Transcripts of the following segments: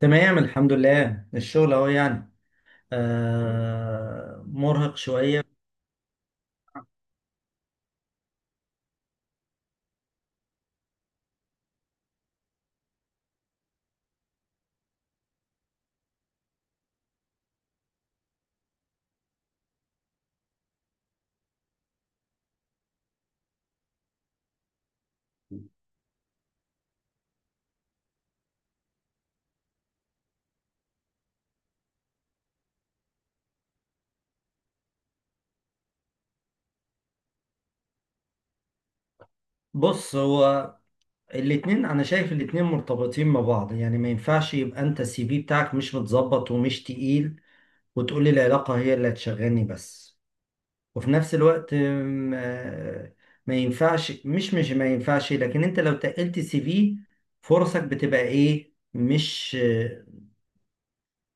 تمام، الحمد لله. الشغل اهو يعني، مرهق شوية. بص، هو الاتنين، انا شايف الاتنين مرتبطين ببعض. يعني ما ينفعش يبقى انت السي في بتاعك مش متظبط ومش تقيل، وتقولي العلاقة هي اللي هتشغلني بس. وفي نفس الوقت آم، آه، ما ينفعش، مش مش ما ينفعش. لكن انت لو تقلت السي في، فرصك بتبقى ايه؟ مش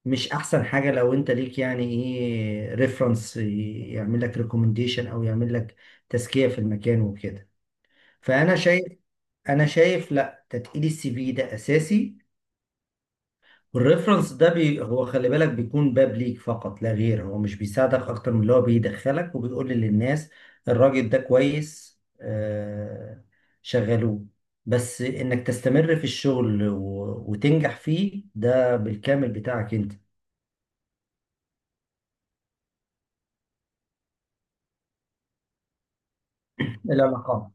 مش احسن حاجه لو انت ليك يعني ايه ريفرنس يعمل لك ريكومنديشن او يعمل لك تزكيه في المكان وكده. فانا شايف انا شايف، لا، تتقيل السي في ده اساسي. والريفرنس ده هو، خلي بالك، بيكون باب ليك فقط لا غير. هو مش بيساعدك اكتر من اللي هو بيدخلك وبيقول للناس الراجل ده كويس، شغلوه. بس انك تستمر في الشغل و- وتنجح فيه ده بالكامل بتاعك انت. العلاقات.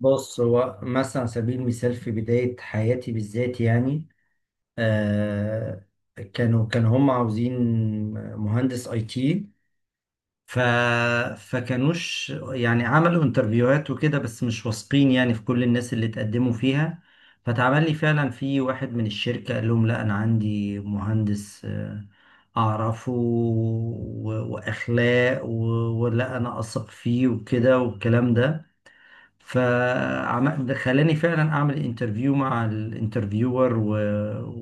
بص، هو مثلا على سبيل المثال في بداية حياتي بالذات يعني، آه، كانوا هم عاوزين مهندس اي تي. ف فكانوش يعني عملوا انترفيوهات وكده، بس مش واثقين يعني في كل الناس اللي اتقدموا فيها. فتعمل لي فعلا في واحد من الشركة قال لهم لا، انا عندي مهندس، اعرفه واخلاق ولا انا اثق فيه وكده والكلام ده. فخلاني فعلا اعمل انترفيو مع الانترفيور،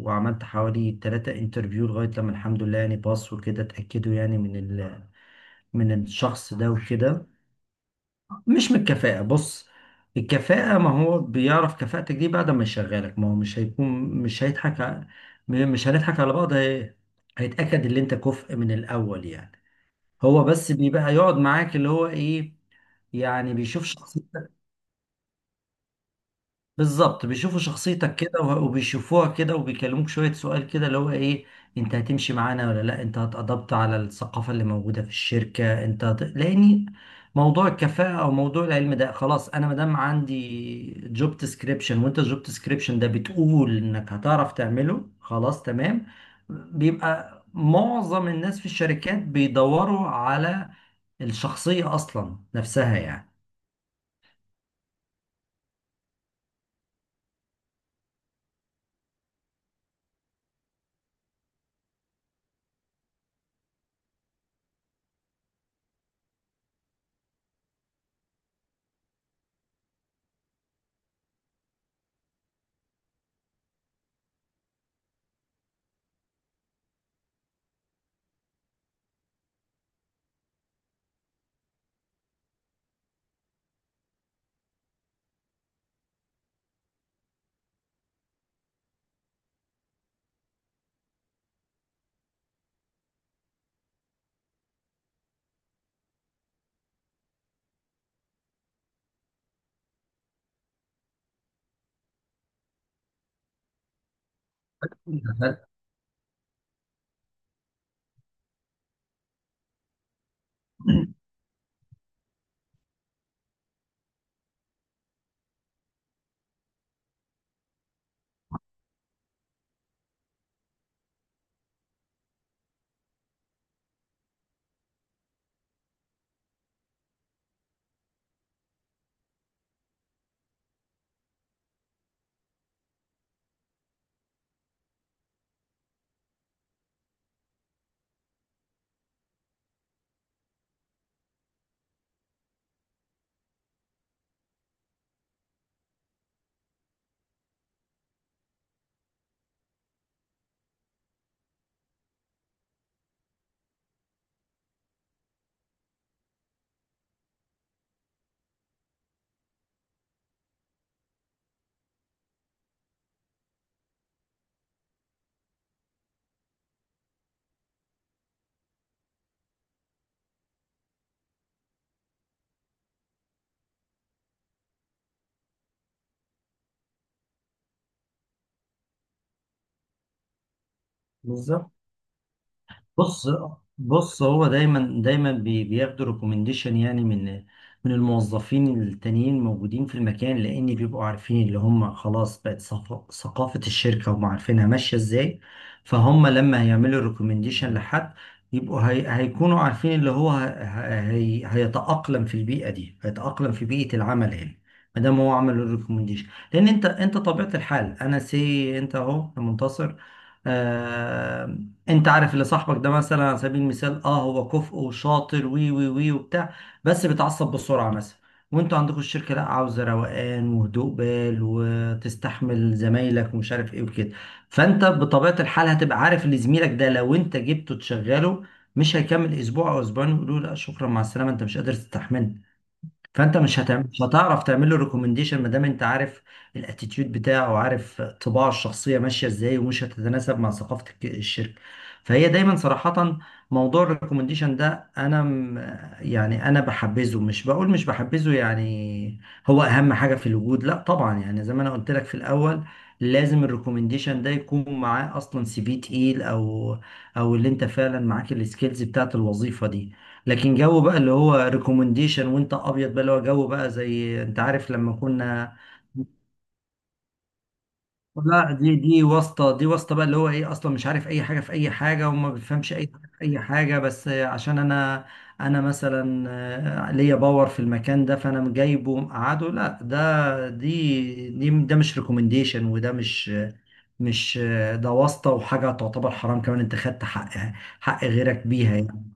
وعملت حوالي ثلاثة انترفيو لغاية لما الحمد لله يعني باص وكده، اتأكدوا يعني من الشخص ده وكده. مش من الكفاءة، بص، الكفاءة ما هو بيعرف كفاءتك دي بعد ما يشغلك، ما هو مش هيكون، مش هيضحك مش هنضحك على بعض. هيتأكد ان انت كفء من الاول يعني. هو بس بيبقى يقعد معاك اللي هو ايه، يعني بيشوف شخصيتك. بالظبط، بيشوفوا شخصيتك كده، و- وبيشوفوها كده، وبيكلموك شوية سؤال كده اللي هو ايه، انت هتمشي معانا ولا لا، انت هتأدبت على الثقافة اللي موجودة في الشركة؟ لاني موضوع الكفاءة او موضوع العلم ده خلاص، انا مادام عندي جوب ديسكريبشن وانت الجوب ديسكريبشن ده بتقول انك هتعرف تعمله، خلاص تمام. بيبقى معظم الناس في الشركات بيدوروا على الشخصية اصلا نفسها يعني. بالظبط. بص بص، هو دايما دايما بياخدوا ريكومنديشن، يعني من الموظفين التانيين موجودين في المكان، لان بيبقوا عارفين اللي هم خلاص بقت ثقافة الشركة، هم عارفينها ماشية ازاي. فهم لما هيعملوا ريكومنديشن لحد، يبقوا هي هيكونوا عارفين اللي هو هي هيتأقلم في البيئة دي، هيتأقلم في بيئة العمل هنا ما دام هو عمل الريكومنديشن. لان انت طبيعة الحال، انا سي انت اهو يا منتصر، آه، انت عارف اللي صاحبك ده مثلا على سبيل المثال، هو كفء وشاطر وي وي وي وبتاع، بس بيتعصب بسرعه مثلا، وانتوا عندكم الشركه لا، عاوزه روقان وهدوء بال وتستحمل زمايلك ومش عارف ايه وكده. فانت بطبيعه الحال هتبقى عارف ان زميلك ده لو انت جبته تشغله مش هيكمل اسبوع او اسبوعين، ويقولوا له لا شكرا مع السلامه، انت مش قادر تستحمله. فانت مش هتعمل، مش هتعرف تعمل له ريكومنديشن، ما دام انت عارف الاتيتيود بتاعه وعارف طباعه الشخصيه ماشيه ازاي، ومش هتتناسب مع ثقافه الشركه. فهي دايما صراحه، موضوع الريكومنديشن ده، يعني انا بحبذه، مش بقول مش بحبذه يعني هو اهم حاجه في الوجود، لا طبعا. يعني زي ما انا قلت لك في الاول، لازم الريكومنديشن ده يكون معاه اصلا سي في تقيل، او اللي انت فعلا معاك السكيلز بتاعت الوظيفه دي. لكن جو بقى اللي هو ريكومنديشن وانت ابيض بقى اللي هو جو بقى زي انت عارف لما كنا، لا، دي واسطه. دي واسطه بقى اللي هو ايه اصلا مش عارف اي حاجه في اي حاجه، وما بيفهمش اي حاجه في اي حاجه، بس عشان انا، انا مثلا ليا باور في المكان ده فانا جايبه مقعده، لا ده، دي دي ده مش ريكومنديشن، وده مش مش، ده واسطه وحاجه تعتبر حرام كمان، انت خدت حق، حق غيرك بيها يعني.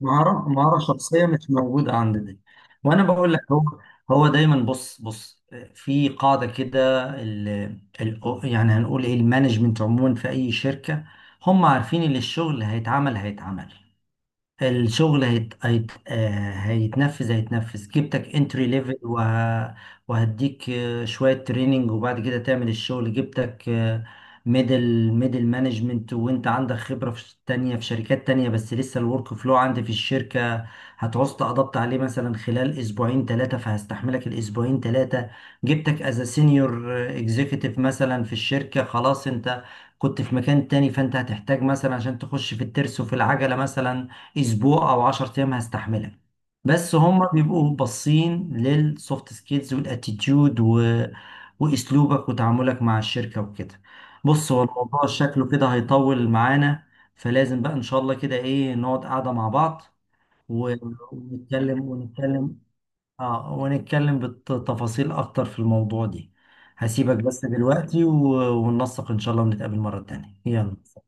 مهارة شخصية مش موجودة عند دي. وأنا بقول لك هو، دايما، بص، في قاعدة كده، ال ال يعني هنقول إيه، المانجمنت عموما في أي شركة هم عارفين اللي الشغل هيتعمل هيتعمل، الشغل هيتنفذ هيتنفذ، جبتك انتري ليفل، وهديك شوية تريننج وبعد كده تعمل الشغل. جبتك ميدل مانجمنت وانت عندك خبرة في تانية في شركات تانية، بس لسه الورك فلو عندي في الشركة، هتعوز تقضبط عليه مثلا خلال اسبوعين ثلاثة، فهستحملك الاسبوعين ثلاثة. جبتك از سينيور اكزيكتيف مثلا في الشركة، خلاص انت كنت في مكان تاني، فانت هتحتاج مثلا عشان تخش في الترس وفي العجلة مثلا اسبوع او 10 ايام، هستحملها. بس هم بيبقوا باصين للسوفت سكيلز والاتيتيود واسلوبك وتعاملك مع الشركه وكده. بص، هو الموضوع شكله كده هيطول معانا، فلازم بقى ان شاء الله كده ايه نقعد قاعده مع بعض و- ونتكلم ونتكلم، اه ونتكلم بالتفاصيل اكتر في الموضوع دي. هسيبك بس دلوقتي وننسق ان شاء الله ونتقابل مره تانية، يلا.